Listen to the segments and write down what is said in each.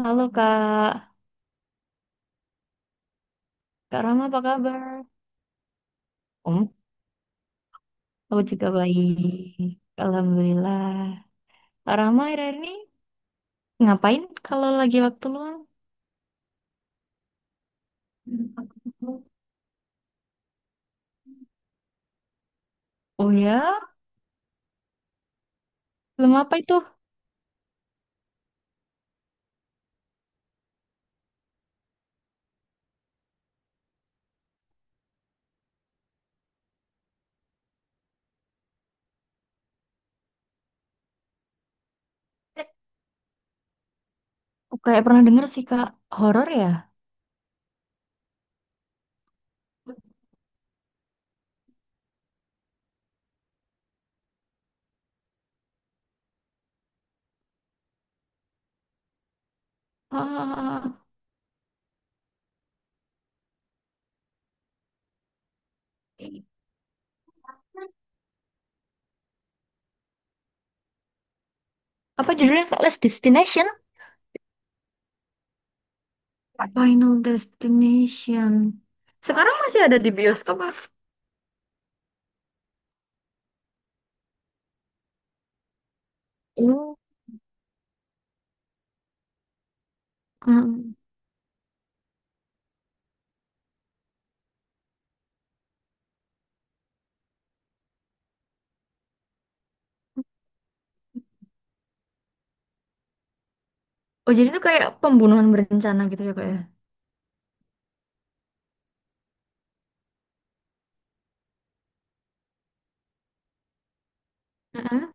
Halo Kak, Kak Rama apa kabar? Om, aku juga baik. Alhamdulillah. Kak Rama akhir-akhir ini ngapain kalau lagi waktu luang? Oh ya, film apa itu? Oh, kayak pernah denger sih Kak, horor ya? Ah, apa judulnya Kak? Last Destination? Final Destination. Sekarang masih ada di bioskop, Kak? Oh, mm. Oh, jadi itu kayak pembunuhan berencana gitu ya Kak ya?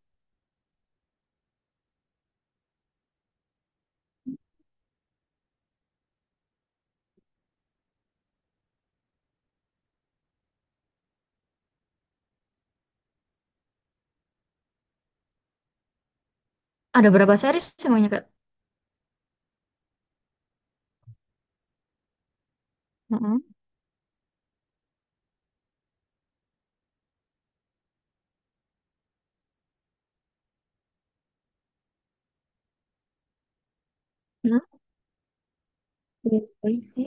Ada berapa series semuanya, Kak? Mm-mm. Nah, iya boleh sih.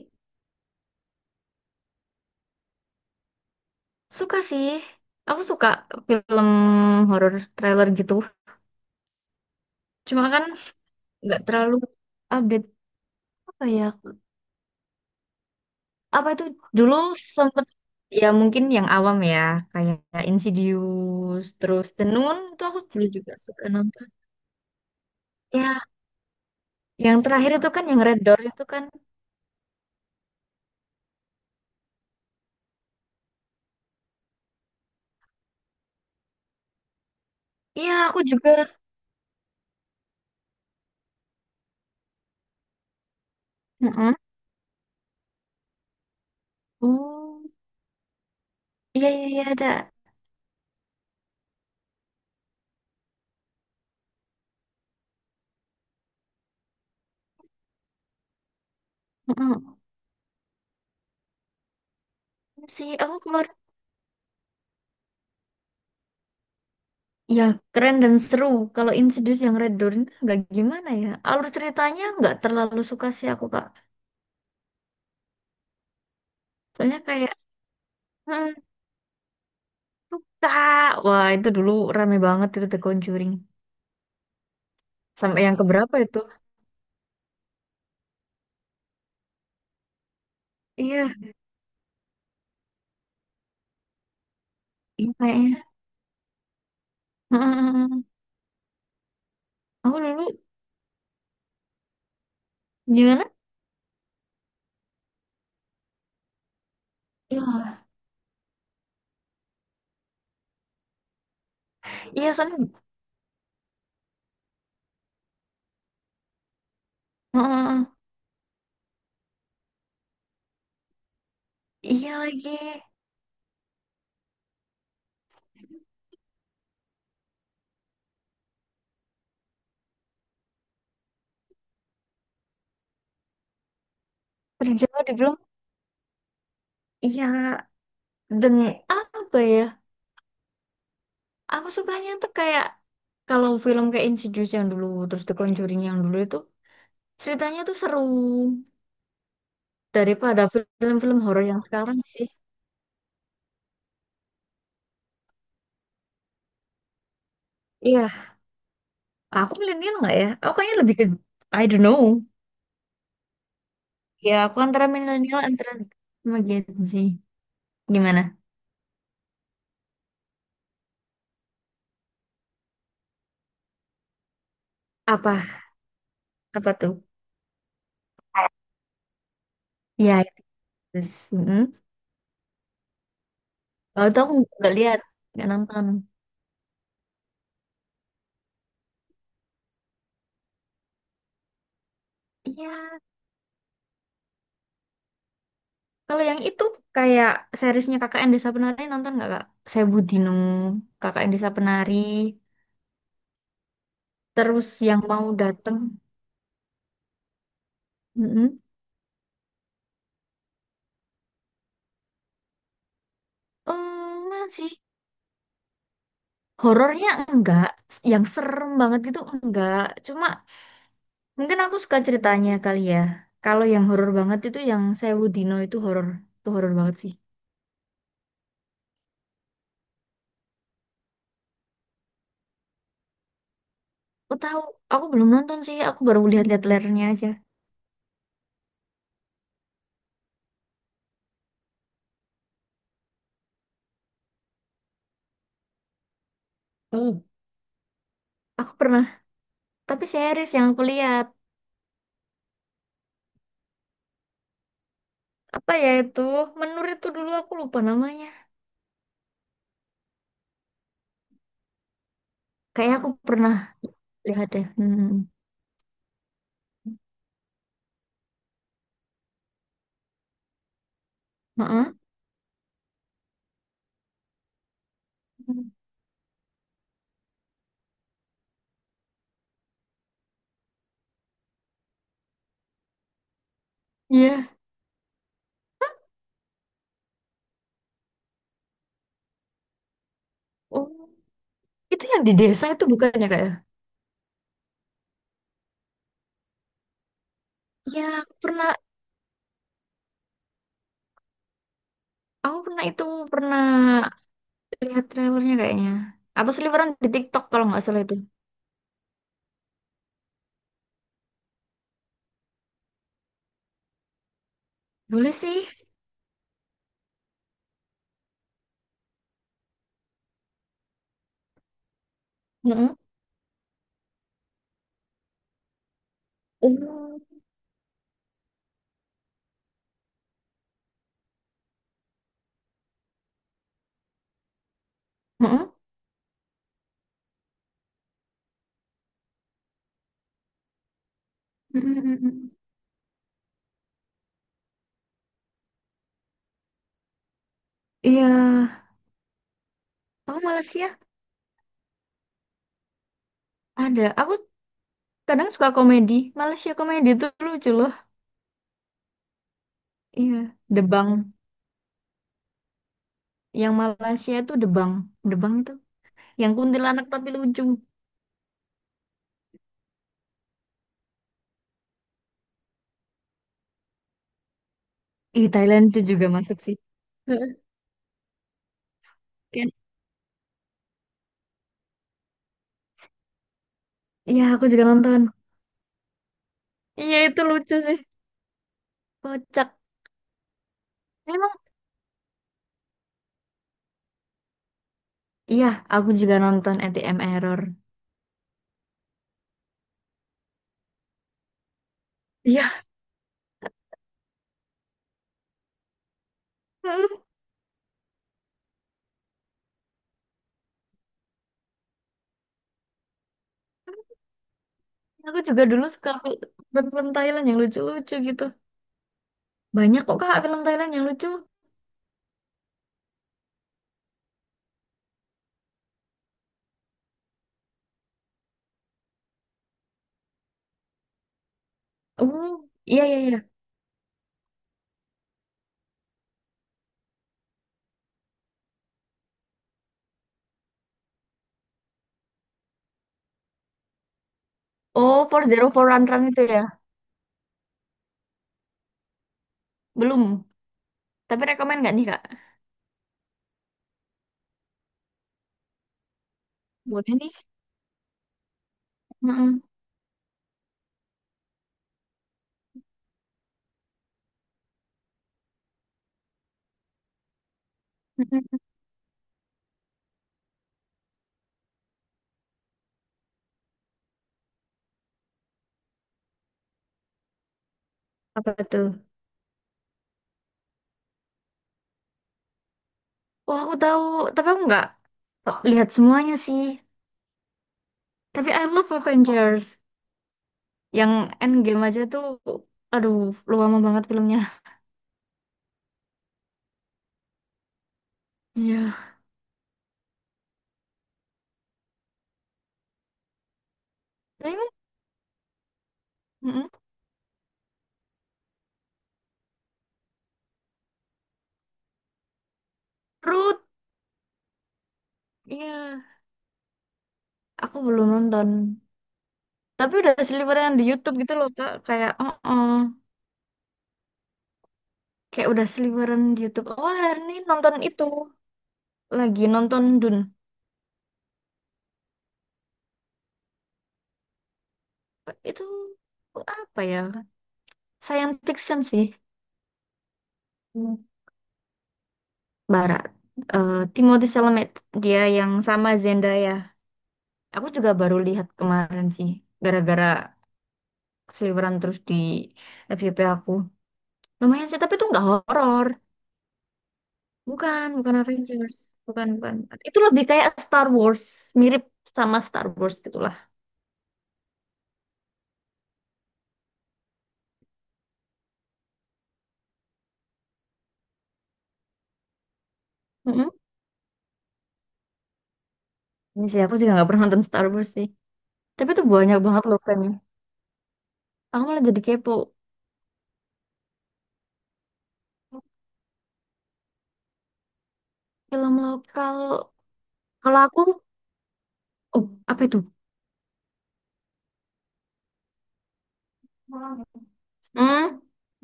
Suka sih. Aku suka film horor trailer gitu. Cuma kan nggak terlalu update apa ya. Apa itu dulu sempet ya mungkin yang awam ya kayak Insidious terus The Nun itu aku dulu juga suka nonton. Ya, yang terakhir itu kan yang Red Door itu kan. Iya, aku juga. Mm-mm. Oh, iya iya iya ada. Mm-mm. Sih, aku kemarin ya, keren dan seru. Kalau Insidious yang Red Dawn nggak gimana ya. Alur ceritanya nggak terlalu suka sih aku, Kak. Soalnya kayak, hmm, suka. Wah, itu dulu rame banget itu The Conjuring. Sampai yang keberapa itu? Iya, iya kayaknya. Hmm, aku dulu gimana? Iya, iya soalnya, hmm, iya lagi. Berjawa di belum. Iya, dan apa ya? Aku sukanya tuh kayak kalau film kayak Insidious yang dulu, terus The Conjuring yang dulu itu ceritanya tuh seru daripada film-film horor yang sekarang sih. Iya, aku milenial nggak ya? Aku kayaknya lebih ke, I don't know. Ya, aku antara milenial antara sama Gen Z. Gimana? Apa? Apa tuh? Iya, yes. Mm-mm. Kalau itu aku nggak lihat, nggak nonton. Iya, kalau yang itu kayak seriesnya KKN Desa Penari nonton nggak kak? Saya Budino, KKN Desa Penari, terus yang mau dateng. Mm-mm. Eh, masih. Horornya enggak, yang serem banget gitu enggak. Cuma mungkin aku suka ceritanya kali ya. Kalau yang horor banget itu yang Sewu Dino itu horor banget sih. Aku tahu, aku belum nonton sih, aku baru lihat-lihat trailernya aja. Oh, aku pernah, tapi series yang aku lihat apa ya itu menur itu dulu aku lupa namanya. Kayak aku pernah lihat deh. Hmm. Heeh. Iya. Oh, itu yang di desa itu bukan ya kak ya? Iya, aku pernah itu pernah lihat trailernya kayaknya. Atau seliweran di TikTok kalau nggak salah itu. Boleh sih. Heeh. Oh. Heeh. Mm, mm, mm, mm. Iya. Aku Malaysia ada. Aku kadang suka komedi. Malaysia komedi itu lucu loh. Iya. Debang. Yang Malaysia itu Debang. Debang itu. Yang kuntilanak tapi lucu. Ih, Thailand itu juga masuk sih. Heeh. Kan? Iya, aku juga nonton. Iya, itu lucu sih. Kocak. Memang. Iya, aku juga nonton A T M Error. Iya. Aku juga dulu suka film Thailand yang lucu-lucu gitu. Banyak kok kak film Thailand yang lucu. Oh, iya iya iya. Oh, 404 Run Run itu ya? Belum. Tapi rekomen nggak nih kak? Boleh nih. Mm-mm. Mm-mm. Apa tuh? Oh, aku tahu. Tapi aku nggak lihat semuanya sih. Tapi I love Avengers. Yang Endgame aja tuh. Aduh, lama banget filmnya. Iya. Tapi, kan, mm-mm. Ruth. Iya. Aku belum nonton. Tapi udah seliweran di YouTube gitu loh, Kak. Kayak, oh, oh. Kayak udah seliweran di YouTube. Oh, hari ini nonton itu. Lagi nonton Dun. Itu apa ya? Science fiction sih. Hmm. Barat. Eh, Timothy Chalamet. Dia yang sama Zendaya. Aku juga baru lihat kemarin sih. Gara-gara seliweran terus di FYP aku. Lumayan sih, tapi itu nggak horor. Bukan, bukan Avengers. Bukan, bukan. Itu lebih kayak Star Wars. Mirip sama Star Wars gitu. Mm-mm. Ini sih aku juga nggak pernah nonton Star Wars sih. Tapi itu banyak banget loh kan. Aku malah jadi kepo. Film lokal. Kalau aku, oh apa itu? Hmm,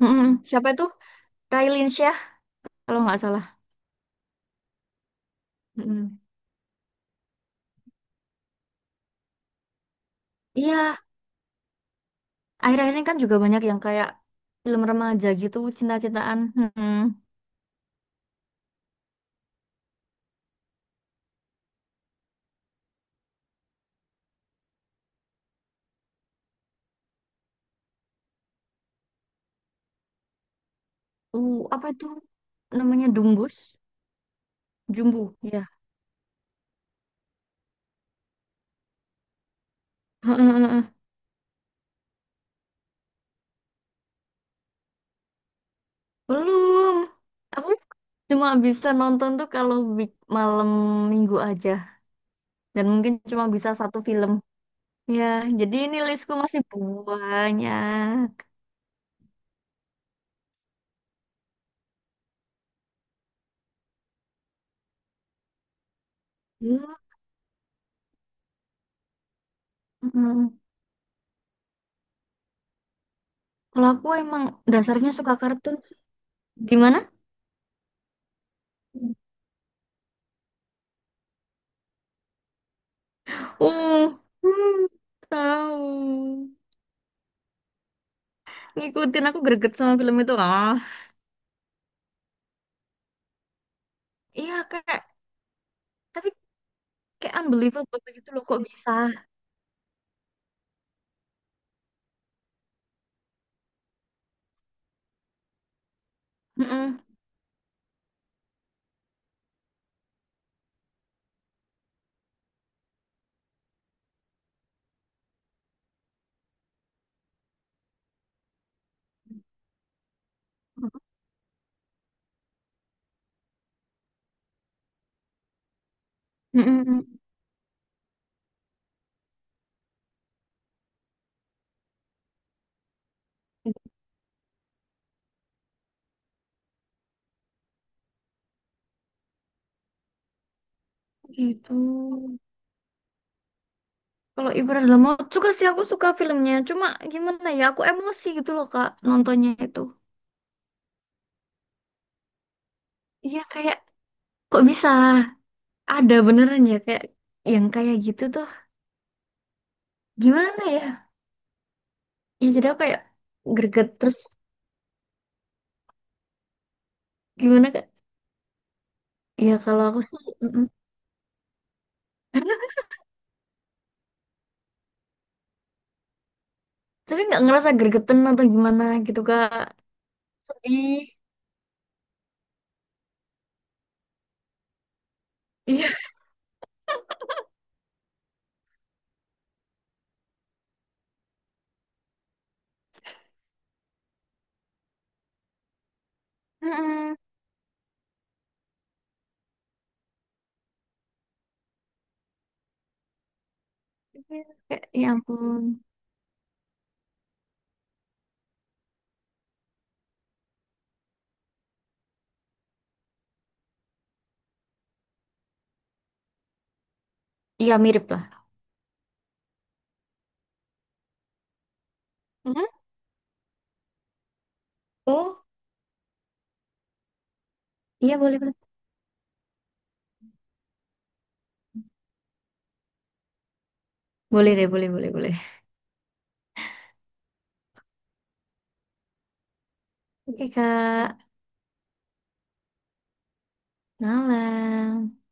mm-mm. Siapa itu? Raline Shah kalau nggak salah. Mm-mm. Iya, akhir-akhir ini kan juga banyak yang kayak film remaja gitu, cinta-cintaan. Mm-mm. Apa itu? Namanya Dumbus, Jumbu, ya. Heeh, belum. Aku cuma bisa nonton tuh kalau week malam minggu aja. Dan mungkin cuma bisa satu film ya, jadi ini listku masih banyak. Ya, mm. Kalau aku emang dasarnya suka kartun sih gimana. Oh, hmm, tahu. Ngikutin, aku greget sama film itu ah. Iya kayak tapi kayak unbelievable gitu loh kok bisa. Mm-mm. Mm-mm. Gitu. Kalau ibarat dalam mau suka sih aku suka filmnya. Cuma gimana ya, aku emosi gitu loh Kak nontonnya itu. Iya kayak kok bisa ada beneran ya kayak yang kayak gitu tuh gimana ya? Ya jadi aku kayak greget terus gimana kak? Ya kalau aku sih mm-mm. Tapi nggak ngerasa gregetan atau gimana gitu kak sedih. Iya. Mm-mm. Iya, kayak ya ampun. Iya mirip lah. Mhm. Oh iya boleh boleh. Boleh deh boleh boleh boleh. Oke kak, malam.